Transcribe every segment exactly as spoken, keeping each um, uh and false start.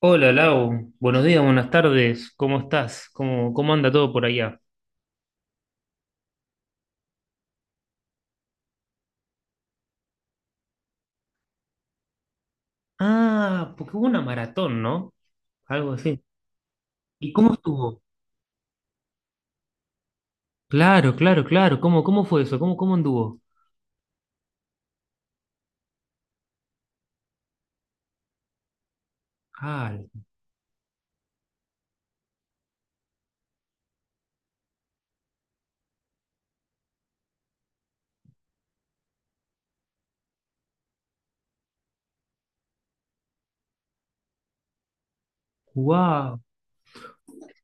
Hola Lau, buenos días, buenas tardes, ¿cómo estás? ¿Cómo, cómo anda todo por allá? Ah, porque hubo una maratón, ¿no? Algo así. ¿Y cómo estuvo? Claro, claro, claro, ¿cómo, cómo fue eso? ¿Cómo, cómo anduvo? Ah, wow.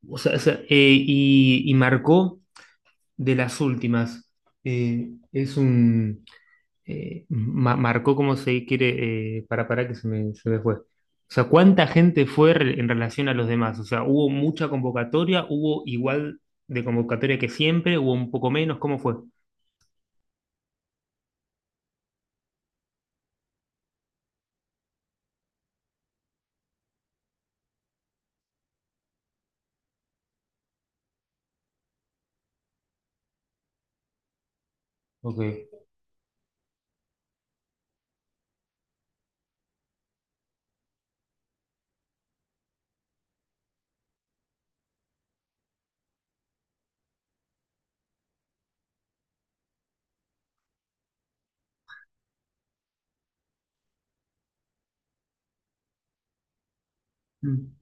O sea, o sea, eh, y, y marcó de las últimas. Eh, es un, eh, ma- Marcó cómo se quiere, eh, para, para que se me, se me fue. O sea, ¿cuánta gente fue re- en relación a los demás? O sea, ¿hubo mucha convocatoria? ¿Hubo igual de convocatoria que siempre? ¿Hubo un poco menos? ¿Cómo fue? Ok. Mm.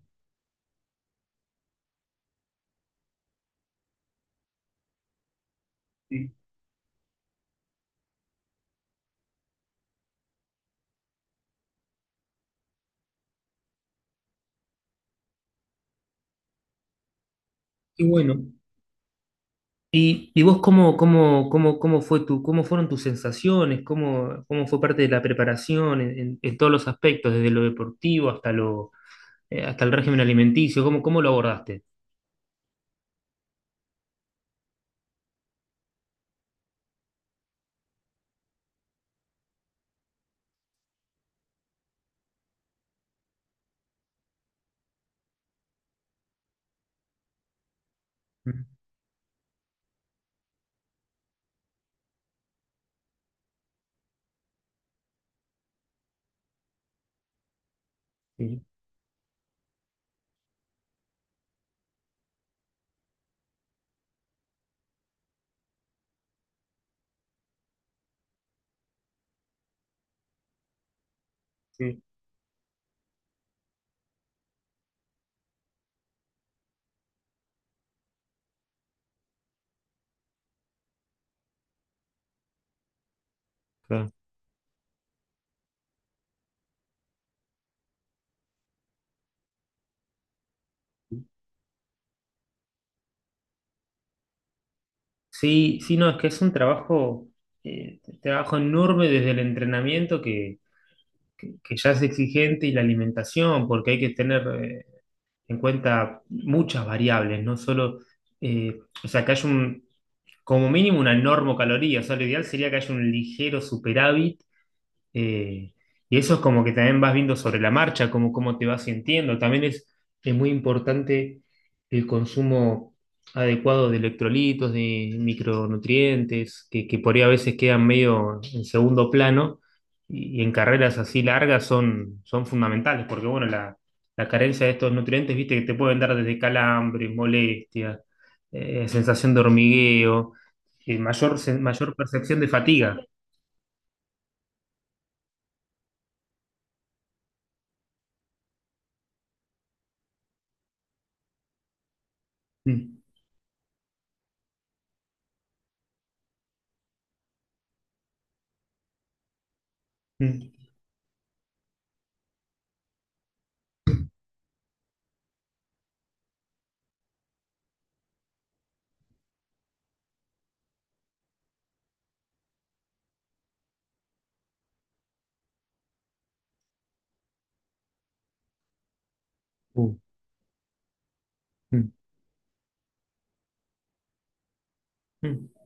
Sí. Y bueno, ¿y, y vos cómo, cómo, cómo, cómo fue tu, cómo fueron tus sensaciones? ¿Cómo, cómo fue parte de la preparación en, en- en todos los aspectos, desde lo deportivo hasta lo, eh, hasta el régimen alimenticio? ¿Cómo, cómo lo abordaste? Mm. Sí, sí. Claro. Sí, sí, no, es que es un trabajo, eh, trabajo enorme desde el entrenamiento que, que- que ya es exigente, y la alimentación, porque hay que tener eh, en cuenta muchas variables, no solo, eh, o sea, que haya un, como mínimo una normocaloría, o sea, lo ideal sería que haya un ligero superávit, eh, y eso es como que también vas viendo sobre la marcha, cómo, cómo te vas sintiendo. También es, es muy importante el consumo adecuado de electrolitos, de micronutrientes, que, que por ahí a veces quedan medio en segundo plano y, y en carreras así largas son, son fundamentales, porque bueno, la, la carencia de estos nutrientes, viste, que te pueden dar desde calambres, molestias, eh, sensación de hormigueo, eh, mayor, sen- mayor percepción de fatiga. Mm, mm. Uh. Mm, mm.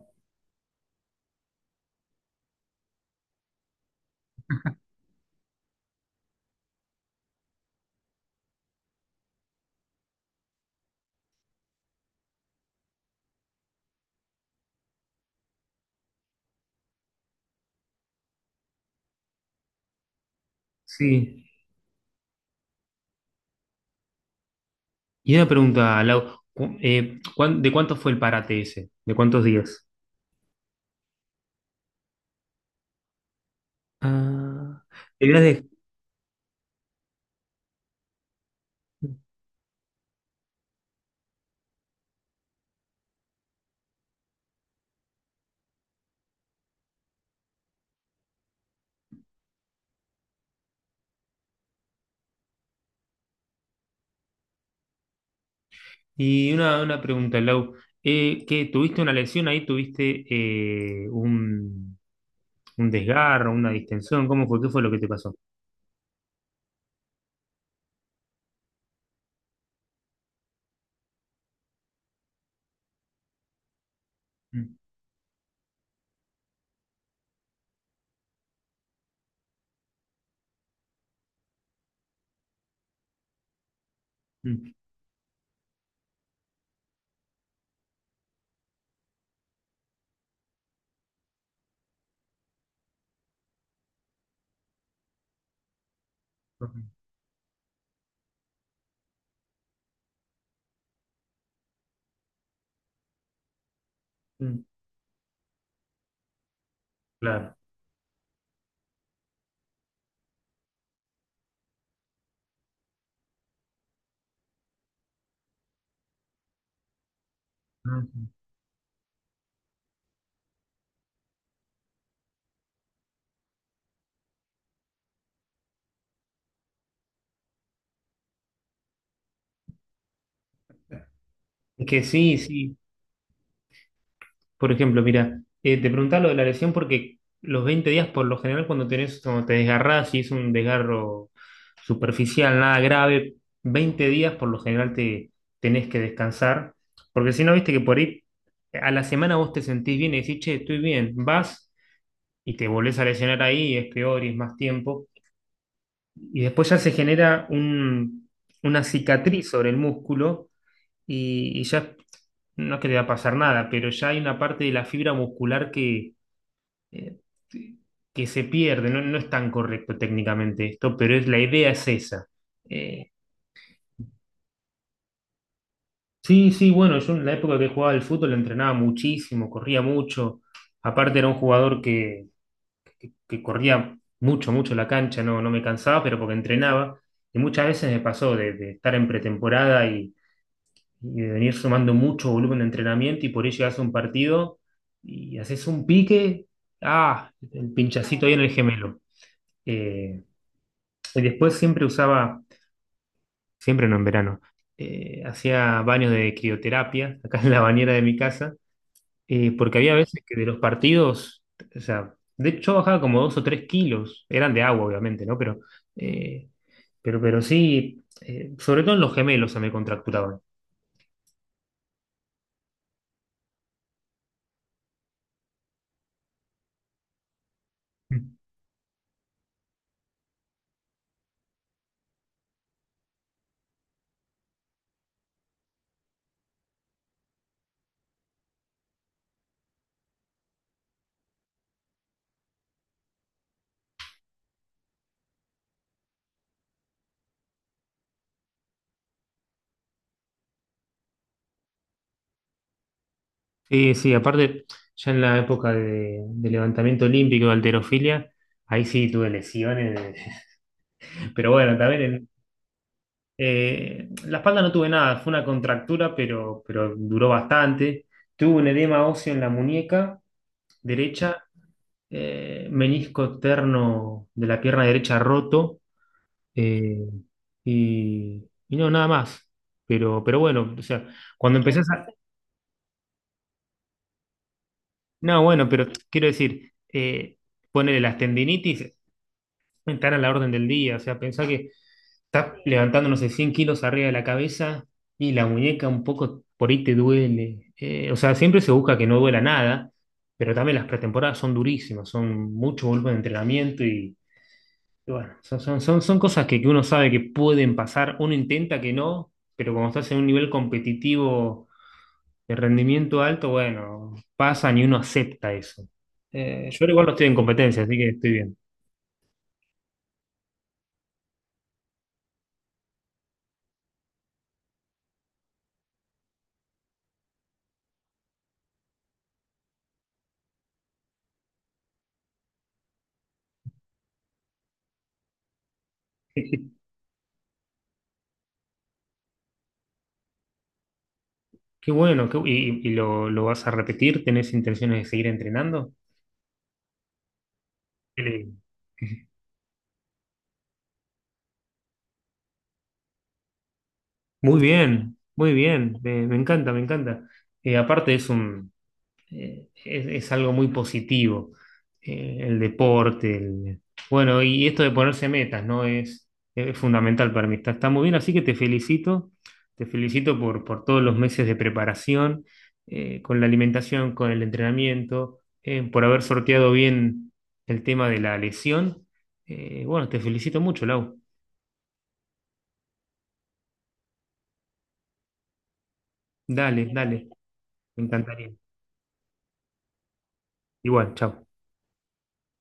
Sí. Y una pregunta, Lau, cu- eh, ¿cuán- ¿de cuánto fue el parate ese? ¿De cuántos días? Ah, te habías dej- Y una, una pregunta, Lau, eh, ¿qué, tuviste una lesión ahí? ¿Tuviste eh, un, un desgarro, una distensión? ¿Cómo fue? ¿Qué fue lo que te pasó? Mm, mm, ok, mm. Claro. Ah, sí. Es que sí, sí. Por ejemplo, mira, eh, te preguntaba lo de la lesión porque los veinte días, por lo general, cuando tenés, cuando te desgarrás, si es un desgarro superficial, nada grave, veinte días por lo general te tenés que descansar, porque si no, viste que por ahí a la semana vos te sentís bien y decís, che, estoy bien, vas y te volvés a lesionar ahí, y es peor y es más tiempo, y después ya se genera un- una cicatriz sobre el músculo y, y ya no es que te va a pasar nada, pero ya hay una parte de la fibra muscular que, eh, que se pierde. No, no es tan correcto técnicamente esto, pero es, la idea es esa. Eh, sí, sí, bueno, yo en la época que jugaba al fútbol entrenaba muchísimo, corría mucho. Aparte era un jugador que, que corría mucho, mucho la cancha, no, no me cansaba, pero porque entrenaba. Y muchas veces me pasó de, de estar en pretemporada y de venir sumando mucho volumen de entrenamiento, y por ahí llegas a un partido y haces un pique, ah, el pinchacito ahí en el gemelo. Eh, y después siempre usaba, siempre no en verano, eh, hacía baños de crioterapia acá en la bañera de mi casa, eh, porque había veces que de los partidos, o sea, de hecho yo bajaba como dos o tres kilos, eran de agua obviamente, ¿no? Pero, eh, pero, pero sí, eh, sobre todo en los gemelos se me contracturaban. Sí, sí, aparte, ya en la época de, de levantamiento olímpico de halterofilia, ahí sí tuve lesiones, pero bueno, también en- eh, la espalda no tuve nada, fue una contractura, pero, pero duró bastante. Tuve un edema óseo en la muñeca derecha, eh, menisco terno de la pierna derecha roto, eh, y, y no, nada más. Pero, pero bueno, o sea, cuando empezás a... No, bueno, pero quiero decir... eh, Ponele las tendinitis, estar a la orden del día. O sea, pensá que estás levantando, no sé, cien kilos arriba de la cabeza y la muñeca un poco por ahí te duele. Eh, o sea, siempre se busca que no duela nada, pero también las pretemporadas son durísimas, son mucho volumen de entrenamiento, y, y bueno, son, son, son, son cosas que, que uno sabe que pueden pasar, uno intenta que no, pero cuando estás en un nivel competitivo de rendimiento alto, bueno, pasan y uno acepta eso. Eh, yo igual no estoy en competencia, así que estoy bien. Qué bueno, qué bu- ¿y, y lo, lo vas a repetir? ¿Tenés intenciones de seguir entrenando? Qué lindo. Muy bien, muy bien, me, me encanta, me encanta. Eh, aparte es un, eh, es, es algo muy positivo, eh, el deporte, el- bueno, y esto de ponerse metas, ¿no? Es, es fundamental para mí, está, está muy bien, así que te felicito, te felicito por, por todos los meses de preparación, eh, con la alimentación, con el entrenamiento, eh, por haber sorteado bien el tema de la lesión. Eh, bueno, te felicito mucho, Lau. Dale, dale, me encantaría. Igual, chao.